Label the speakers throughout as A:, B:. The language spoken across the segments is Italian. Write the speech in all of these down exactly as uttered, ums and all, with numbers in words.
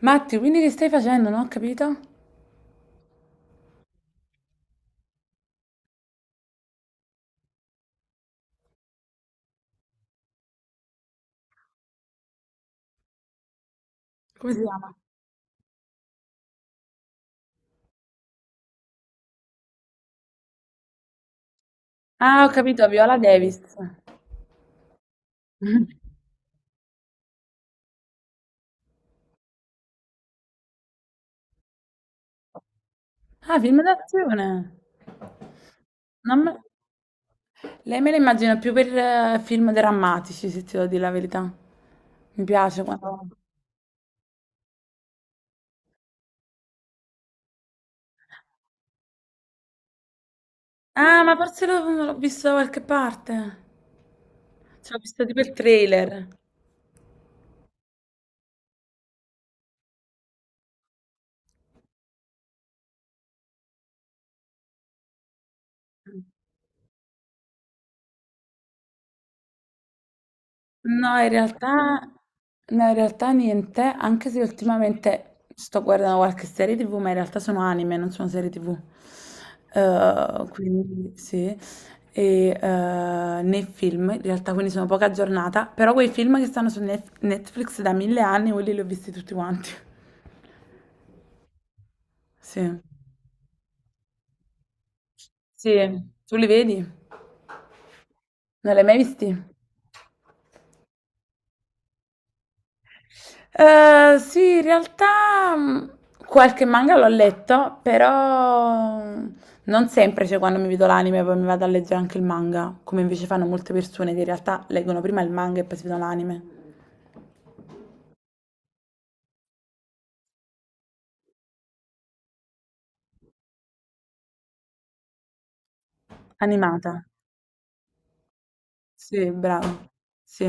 A: Matti, quindi che stai facendo? Non ho capito. Come si chiama? Ah, ho capito, Viola Davis. Ah, film d'azione. Non me... Lei me la immagino più per eh, film drammatici, se ti devo dire la verità. Mi piace quando... Ah, ma forse l'ho l'ho visto da qualche parte. Ci ho visto tipo il trailer. No, in realtà, no, in realtà niente, anche se ultimamente sto guardando qualche serie ti vu, ma in realtà sono anime, non sono serie ti vu. Eh, quindi sì, e eh, nei film, in realtà quindi sono poca aggiornata, però quei film che stanno su Net- Netflix da mille anni, quelli li ho visti tutti quanti. Sì. Sì, tu li vedi? Non li hai mai visti? Eh, sì, in realtà mh, qualche manga l'ho letto, però mh, non sempre, cioè quando mi vedo l'anime poi mi vado a leggere anche il manga, come invece fanno molte persone che in realtà leggono prima il manga e poi si vedono l'anime. Animata, sì, bravo, sì.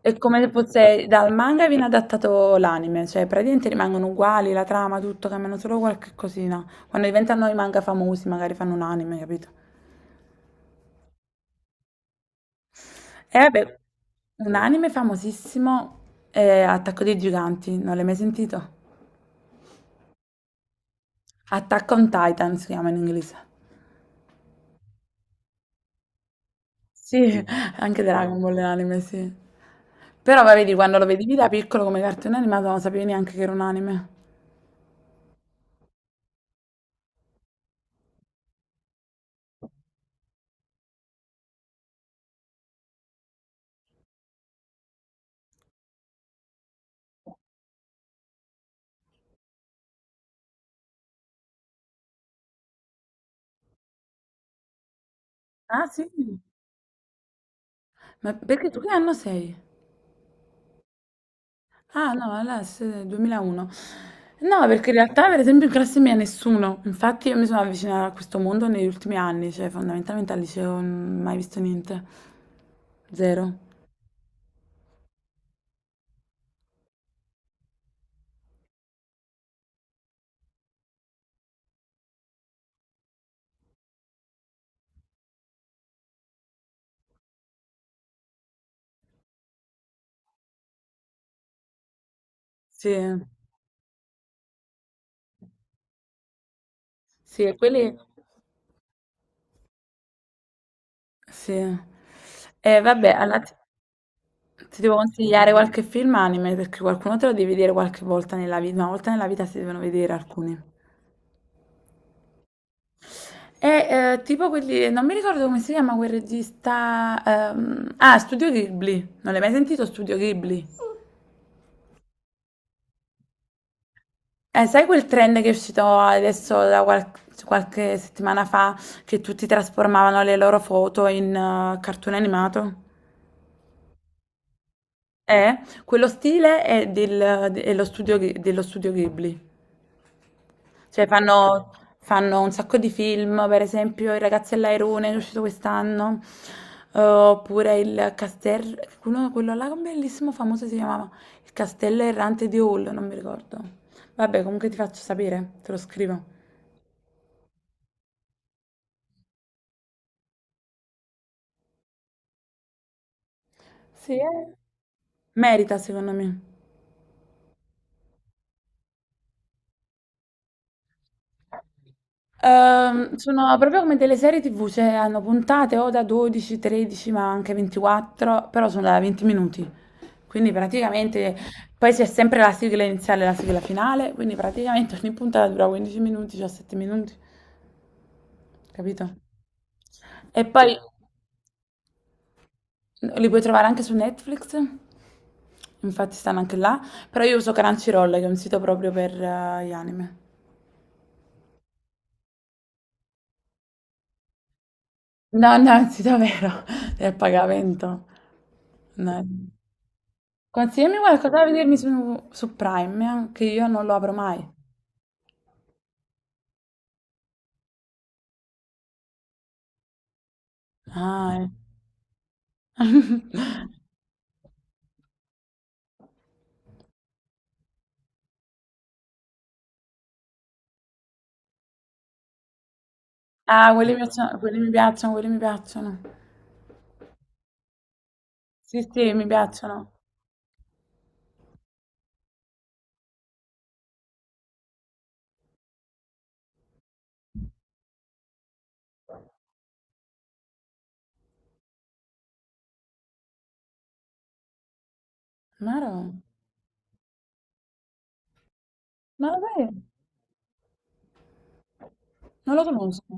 A: È come se fosse dal manga viene adattato l'anime, cioè praticamente rimangono uguali, la trama, tutto, cambiano solo qualche cosina. Quando diventano i manga famosi magari fanno un anime, capito? E vabbè, un anime famosissimo è Attacco dei Giganti, non l'hai mai sentito? Attack on Titan si chiama in inglese. Sì, anche Dragon Ball è un anime, sì. Però va, vedi, quando lo vedevi da piccolo come cartone animato non sapevi neanche che era un anime. Ah, sì? Ma perché tu che anno sei? Ah, no, allora sei duemilauno. No, perché in realtà, per esempio, in classe mia nessuno. Infatti io mi sono avvicinata a questo mondo negli ultimi anni, cioè fondamentalmente al liceo non ho mai visto niente. Zero. Sì, sì, e quelli... Sì. E vabbè, alla- ti devo consigliare qualche film anime perché qualcuno te lo devi vedere qualche volta nella vita, una volta nella vita si devono vedere alcuni. E eh, tipo quelli, non mi ricordo come si chiama quel regista... ehm, Ah, Studio Ghibli. Non l'hai mai sentito Studio Ghibli? Eh, sai quel trend che è uscito adesso da qual- qualche settimana fa che tutti trasformavano le loro foto in eh, cartone animato? Eh, quello stile è, del, de- è lo studio, Ghi- dello studio Ghibli. Cioè fanno, fanno un sacco di film, per esempio I ragazzi all'airone, che è uscito quest'anno, eh, oppure il castello, quello, quello là, un bellissimo famoso si chiamava Il castello errante di Hall, non mi ricordo. Vabbè, comunque ti faccio sapere, te lo scrivo. Sì, eh. Merita secondo me. Ehm, sono proprio come delle serie ti vu, cioè hanno puntate o da dodici, tredici, ma anche ventiquattro, però sono da venti minuti. Quindi praticamente poi c'è sempre la sigla iniziale e la sigla finale, quindi praticamente ogni puntata dura quindici minuti, diciassette minuti, capito? E poi li puoi trovare anche su Netflix, infatti stanno anche là, però io uso Crunchyroll, che è un sito proprio per eh, gli anime. No, no, è un sito vero, è a pagamento. No. Consigliami qualcosa da vedermi su, su Prime, eh, che io non lo apro mai. Ah, eh. Ah, quelli mi piacciono, quelli mi piacciono, quelli mi piacciono. Sì, sì, mi piacciono. Maro, ma lo sai? Non lo conosco.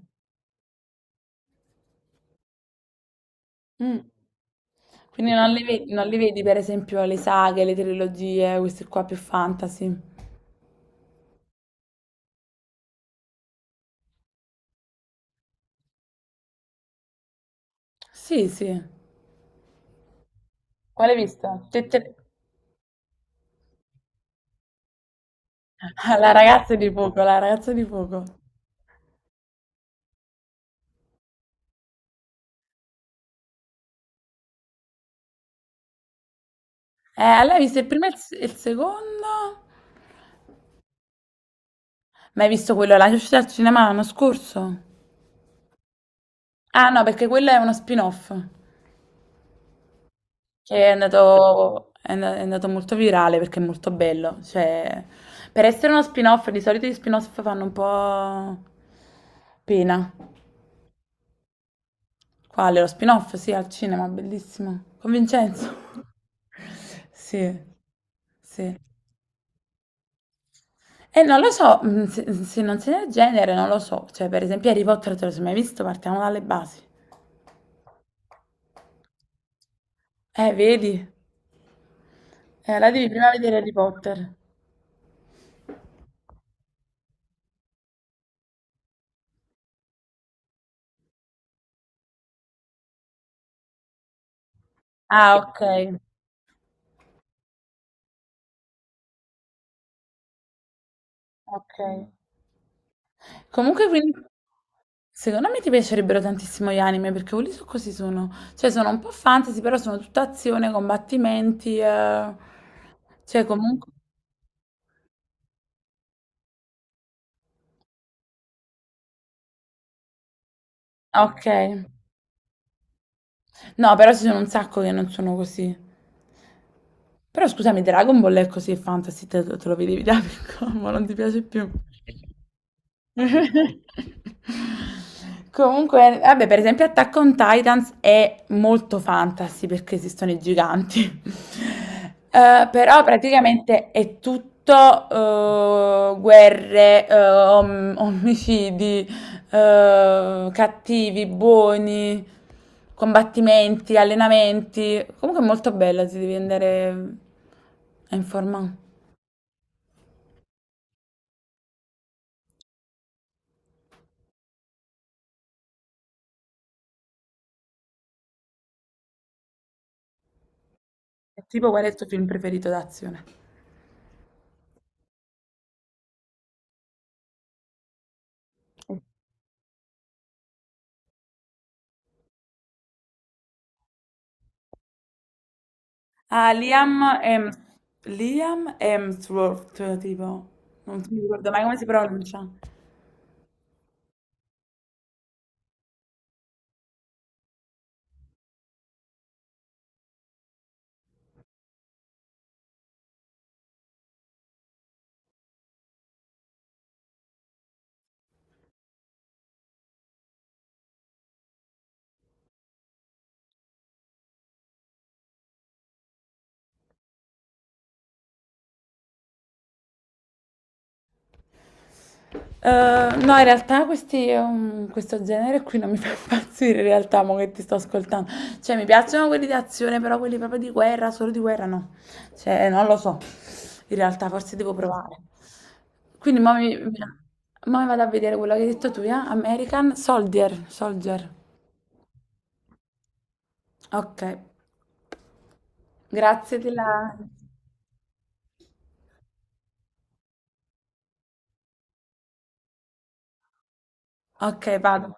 A: Mm. Quindi non li vedi, non li vedi, per esempio, le saghe, le trilogie, questi qua più fantasy. Sì, sì. Quale hai visto? Te- te- La ragazza di fuoco, la ragazza di fuoco. Eh, allora hai visto il primo e il, se- il secondo? Ma hai visto quello alla uscita al cinema l'anno scorso? Ah no, perché quello è uno spin-off che è andato, è and- è andato molto virale perché è molto bello. Cioè, per essere uno spin-off, di solito gli spin-off fanno un po' pena. Quale? Lo spin-off? Sì, al cinema, bellissimo. Con Vincenzo. Sì, sì. E non lo so, mm, se, se non sei del genere, non lo so. Cioè, per esempio Harry Potter, te lo sei mai visto? Partiamo dalle basi. Eh, vedi? Eh, la devi prima vedere Harry Potter. Ah, ok. Ok. Comunque, quindi, secondo me ti piacerebbero tantissimo gli anime, perché quelli so così sono. Cioè, sono un po' fantasy, però sono tutta azione, combattimenti. Eh. Cioè, comunque... Ok. No, però ci sono un sacco che non sono così. Però scusami, Dragon Ball è così, è fantasy, te, te lo vedevi da piccolo, ma non ti piace più. Comunque, vabbè, per esempio Attack on Titans è molto fantasy perché esistono i giganti. Eh, però praticamente è tutto eh, guerre, eh, om- omicidi, eh, cattivi, buoni, combattimenti, allenamenti. Comunque è molto bella, si devi andare a informare. È tipo qual è il tuo film preferito d'azione? Ah, Liam Hem- Liam Hemsworth, tipo. Non mi ricordo mai come si pronuncia. Eh, no, in realtà questi, um, questo genere qui non mi fa impazzire, in realtà, mo che ti sto ascoltando. Cioè, mi piacciono quelli di azione, però quelli proprio di guerra, solo di guerra no. Cioè, non lo so. In realtà, forse devo provare. Quindi, mo mi, mi- mo mi vado a vedere quello che hai detto tu, eh? American Soldier, Soldier. Ok, grazie della... Ok, vado.